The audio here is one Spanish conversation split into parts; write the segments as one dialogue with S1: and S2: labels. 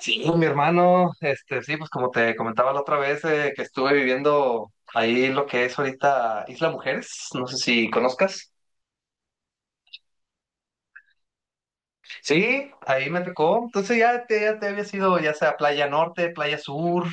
S1: Sí, mi hermano, sí, pues como te comentaba la otra vez, que estuve viviendo ahí lo que es ahorita Isla Mujeres, no sé si conozcas. Sí, ahí me tocó. Entonces ya te había sido ya sea Playa Norte, Playa Sur.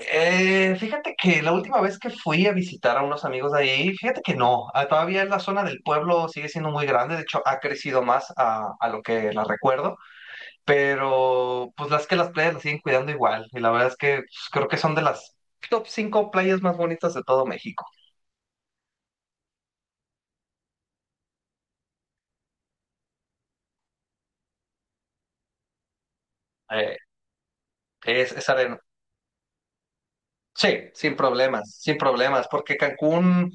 S1: Fíjate que la última vez que fui a visitar a unos amigos de ahí, fíjate que no, ah, todavía la zona del pueblo sigue siendo muy grande, de hecho ha crecido más a lo que la recuerdo. Pero pues las playas las siguen cuidando igual. Y la verdad es que pues, creo que son de las top 5 playas más bonitas de todo México. Eh, es arena. Sí, sin problemas, sin problemas, porque Cancún,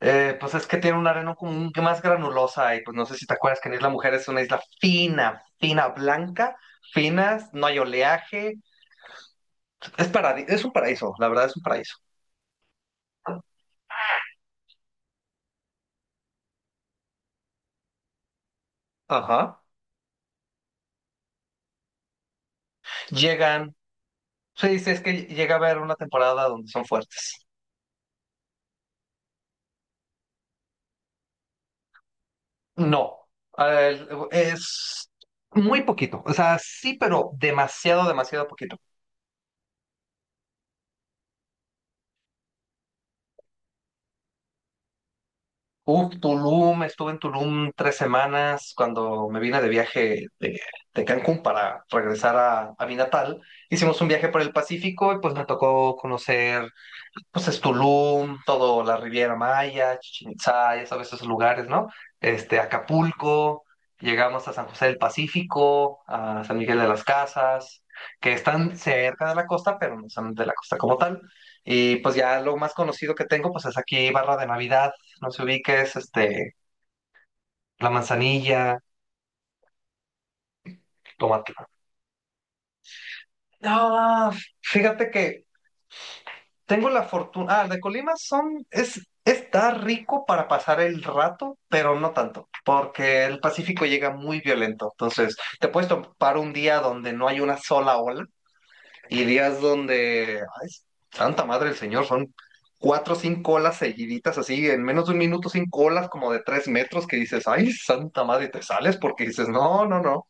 S1: pues es que tiene una arena como más granulosa y pues no sé si te acuerdas que en Isla Mujer es una isla fina, fina, blanca, finas, no hay oleaje, es un paraíso, la verdad es un paraíso. Ajá. Llegan, sí, sí, es que llega a haber una temporada donde son fuertes. No, es muy poquito, o sea, sí, pero demasiado, demasiado poquito. Uf, Tulum, estuve en Tulum tres semanas cuando me vine de viaje de Cancún para regresar a mi natal. Hicimos un viaje por el Pacífico y pues me tocó conocer. Pues es Tulum, todo la Riviera Maya, Chichén Itzá, ya sabes esos lugares, ¿no? Acapulco, llegamos a San José del Pacífico, a San Miguel de las Casas, que están cerca de la costa, pero no son de la costa como tal. Y pues ya lo más conocido que tengo, pues es aquí Barra de Navidad, no se ubiques, La Manzanilla, Tomatla. Ah, fíjate que tengo la fortuna. Ah, de Colima son, es, está rico para pasar el rato, pero no tanto, porque el Pacífico llega muy violento. Entonces, te puedes topar un día donde no hay una sola ola y días donde, ay, santa madre del Señor, son cuatro o cinco olas seguiditas, así, en menos de un minuto, cinco olas como de 3 metros que dices, ay, santa madre, y te sales porque dices, no, no, no.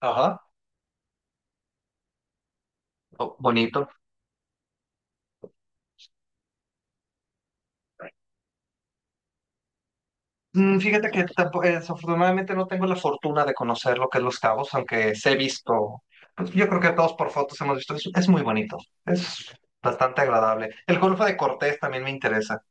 S1: Ajá, oh, bonito. Fíjate que desafortunadamente no tengo la fortuna de conocer lo que es Los Cabos, aunque se he visto, pues, yo creo que todos por fotos hemos visto, es muy bonito, es bastante agradable. El Golfo de Cortés también me interesa.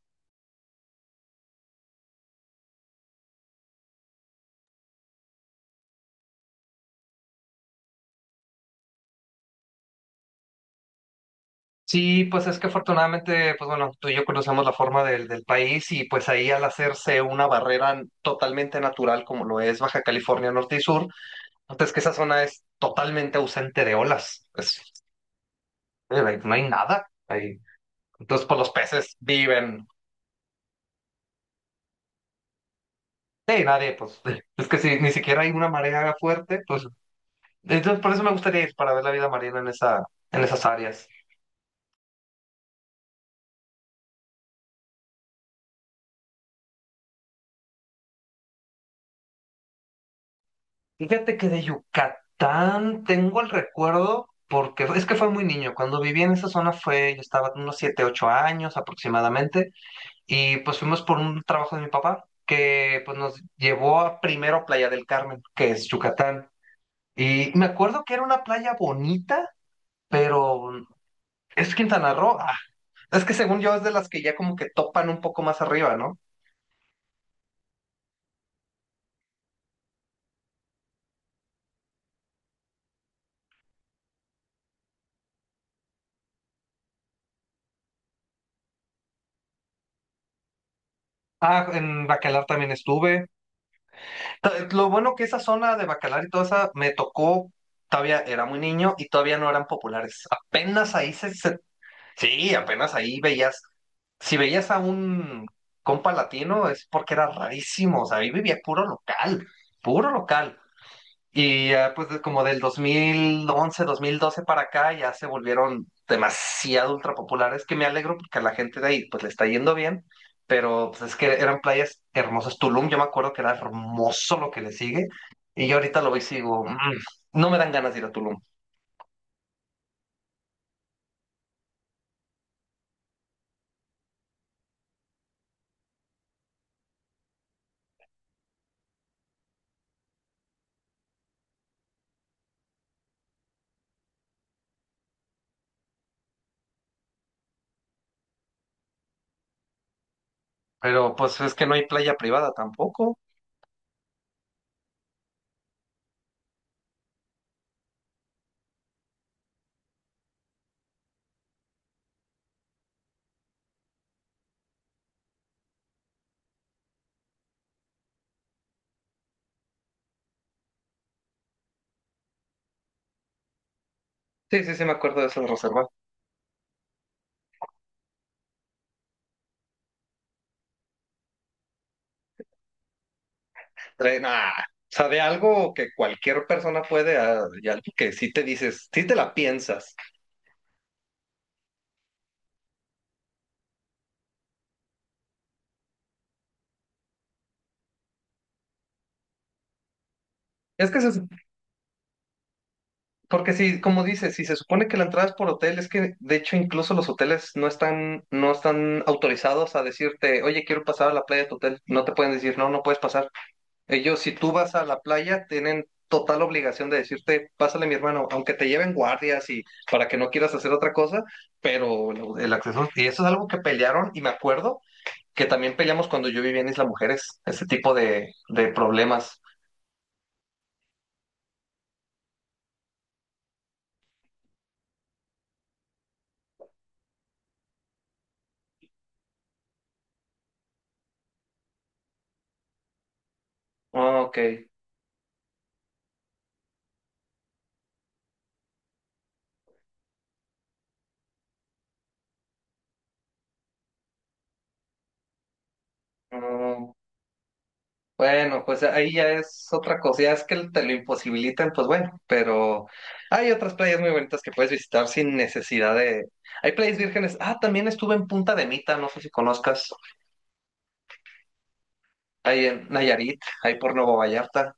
S1: Sí, pues es que afortunadamente, pues bueno, tú y yo conocemos la forma del país y pues ahí al hacerse una barrera totalmente natural como lo es Baja California Norte y Sur, entonces que esa zona es totalmente ausente de olas, pues, no hay nada ahí. Entonces, pues los peces viven. Sí, nadie, pues es que si ni siquiera hay una marea fuerte, pues entonces por eso me gustaría ir para ver la vida marina en en esas áreas. Fíjate que de Yucatán tengo el recuerdo, porque es que fue muy niño, cuando viví en esa zona fue, yo estaba unos 7, 8 años aproximadamente, y pues fuimos por un trabajo de mi papá que pues nos llevó a primero a Playa del Carmen, que es Yucatán. Y me acuerdo que era una playa bonita, pero es Quintana Roo. Ah, es que según yo es de las que ya como que topan un poco más arriba, ¿no? Ah, en Bacalar también estuve. Lo bueno que esa zona de Bacalar y toda esa me tocó, todavía era muy niño y todavía no eran populares. Apenas ahí se. Sí, apenas ahí veías. Si veías a un compa latino es porque era rarísimo, o sea, ahí vivía puro local, puro local. Y ya pues como del 2011, 2012 para acá ya se volvieron demasiado ultra populares que me alegro porque a la gente de ahí pues le está yendo bien, pero pues es que eran playas hermosas. Tulum yo me acuerdo que era hermoso lo que le sigue y yo ahorita lo veo y sigo, "Mm, no me dan ganas de ir a Tulum, pero pues es que no hay playa privada tampoco". Sí, sí, sí me acuerdo de eso de reserva. Traen, ah, o sea, de algo que cualquier persona puede, ah, y algo que sí te dices, sí te la piensas. Es que se Porque si, como dices, si se supone que la entrada es por hotel, es que de hecho incluso los hoteles no están autorizados a decirte, oye, quiero pasar a la playa de tu hotel. No te pueden decir, no, no puedes pasar. Ellos, si tú vas a la playa, tienen total obligación de decirte, pásale mi hermano, aunque te lleven guardias y para que no quieras hacer otra cosa, pero el acceso, y eso es algo que pelearon, y me acuerdo que también peleamos cuando yo vivía en Isla Mujeres, ese tipo de problemas. Ah, ok. Bueno, pues ahí ya es otra cosa, ya es que te lo imposibilitan, pues bueno, pero hay otras playas muy bonitas que puedes visitar sin necesidad de… Hay playas vírgenes, ah, también estuve en Punta de Mita, no sé si conozcas, ahí en Nayarit, ahí por Nuevo Vallarta,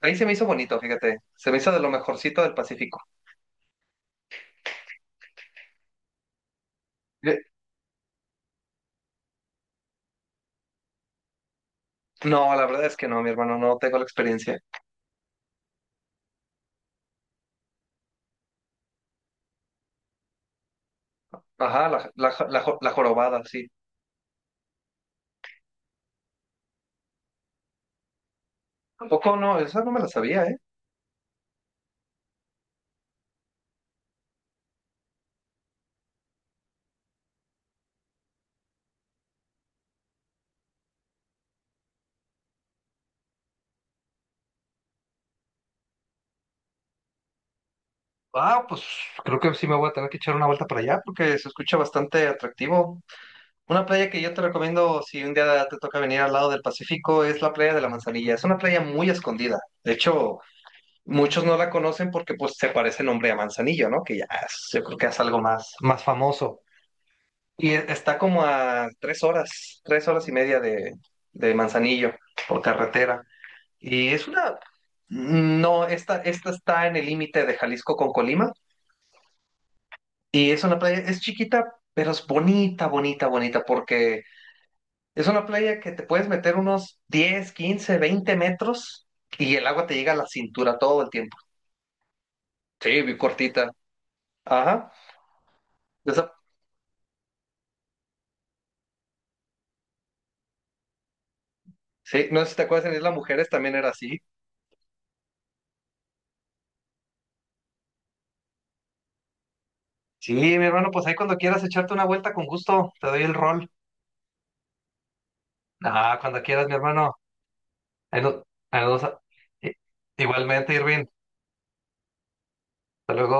S1: ahí se me hizo bonito, fíjate, se me hizo de lo mejorcito del Pacífico. Eh, No, la verdad es que no, mi hermano, no tengo la experiencia. Ajá, la jorobada, sí. Tampoco no, esa no me la sabía, ¿eh? Ah, pues creo que sí me voy a tener que echar una vuelta para allá porque se escucha bastante atractivo. Una playa que yo te recomiendo si un día te toca venir al lado del Pacífico es la playa de la Manzanilla. Es una playa muy escondida. De hecho, muchos no la conocen porque pues se parece el nombre a Manzanillo, ¿no? Que yo creo que es algo más, más famoso. Y está como a 3 horas, 3 horas y media de Manzanillo por carretera. Y es una… No, esta está en el límite de Jalisco con Colima. Y es una playa, es chiquita, pero es bonita, bonita, bonita porque… Es una playa que te puedes meter unos 10, 15, 20 metros y el agua te llega a la cintura todo el tiempo. Sí, vi cortita. Ajá. Esa- sí, no sé si te acuerdas, en Isla Mujeres también era así. Sí, mi hermano, pues ahí cuando quieras echarte una vuelta con gusto, te doy el rol. Ah, cuando quieras, mi hermano. Ahí no- ahí nos- eh, Igualmente, Irving. Hasta luego.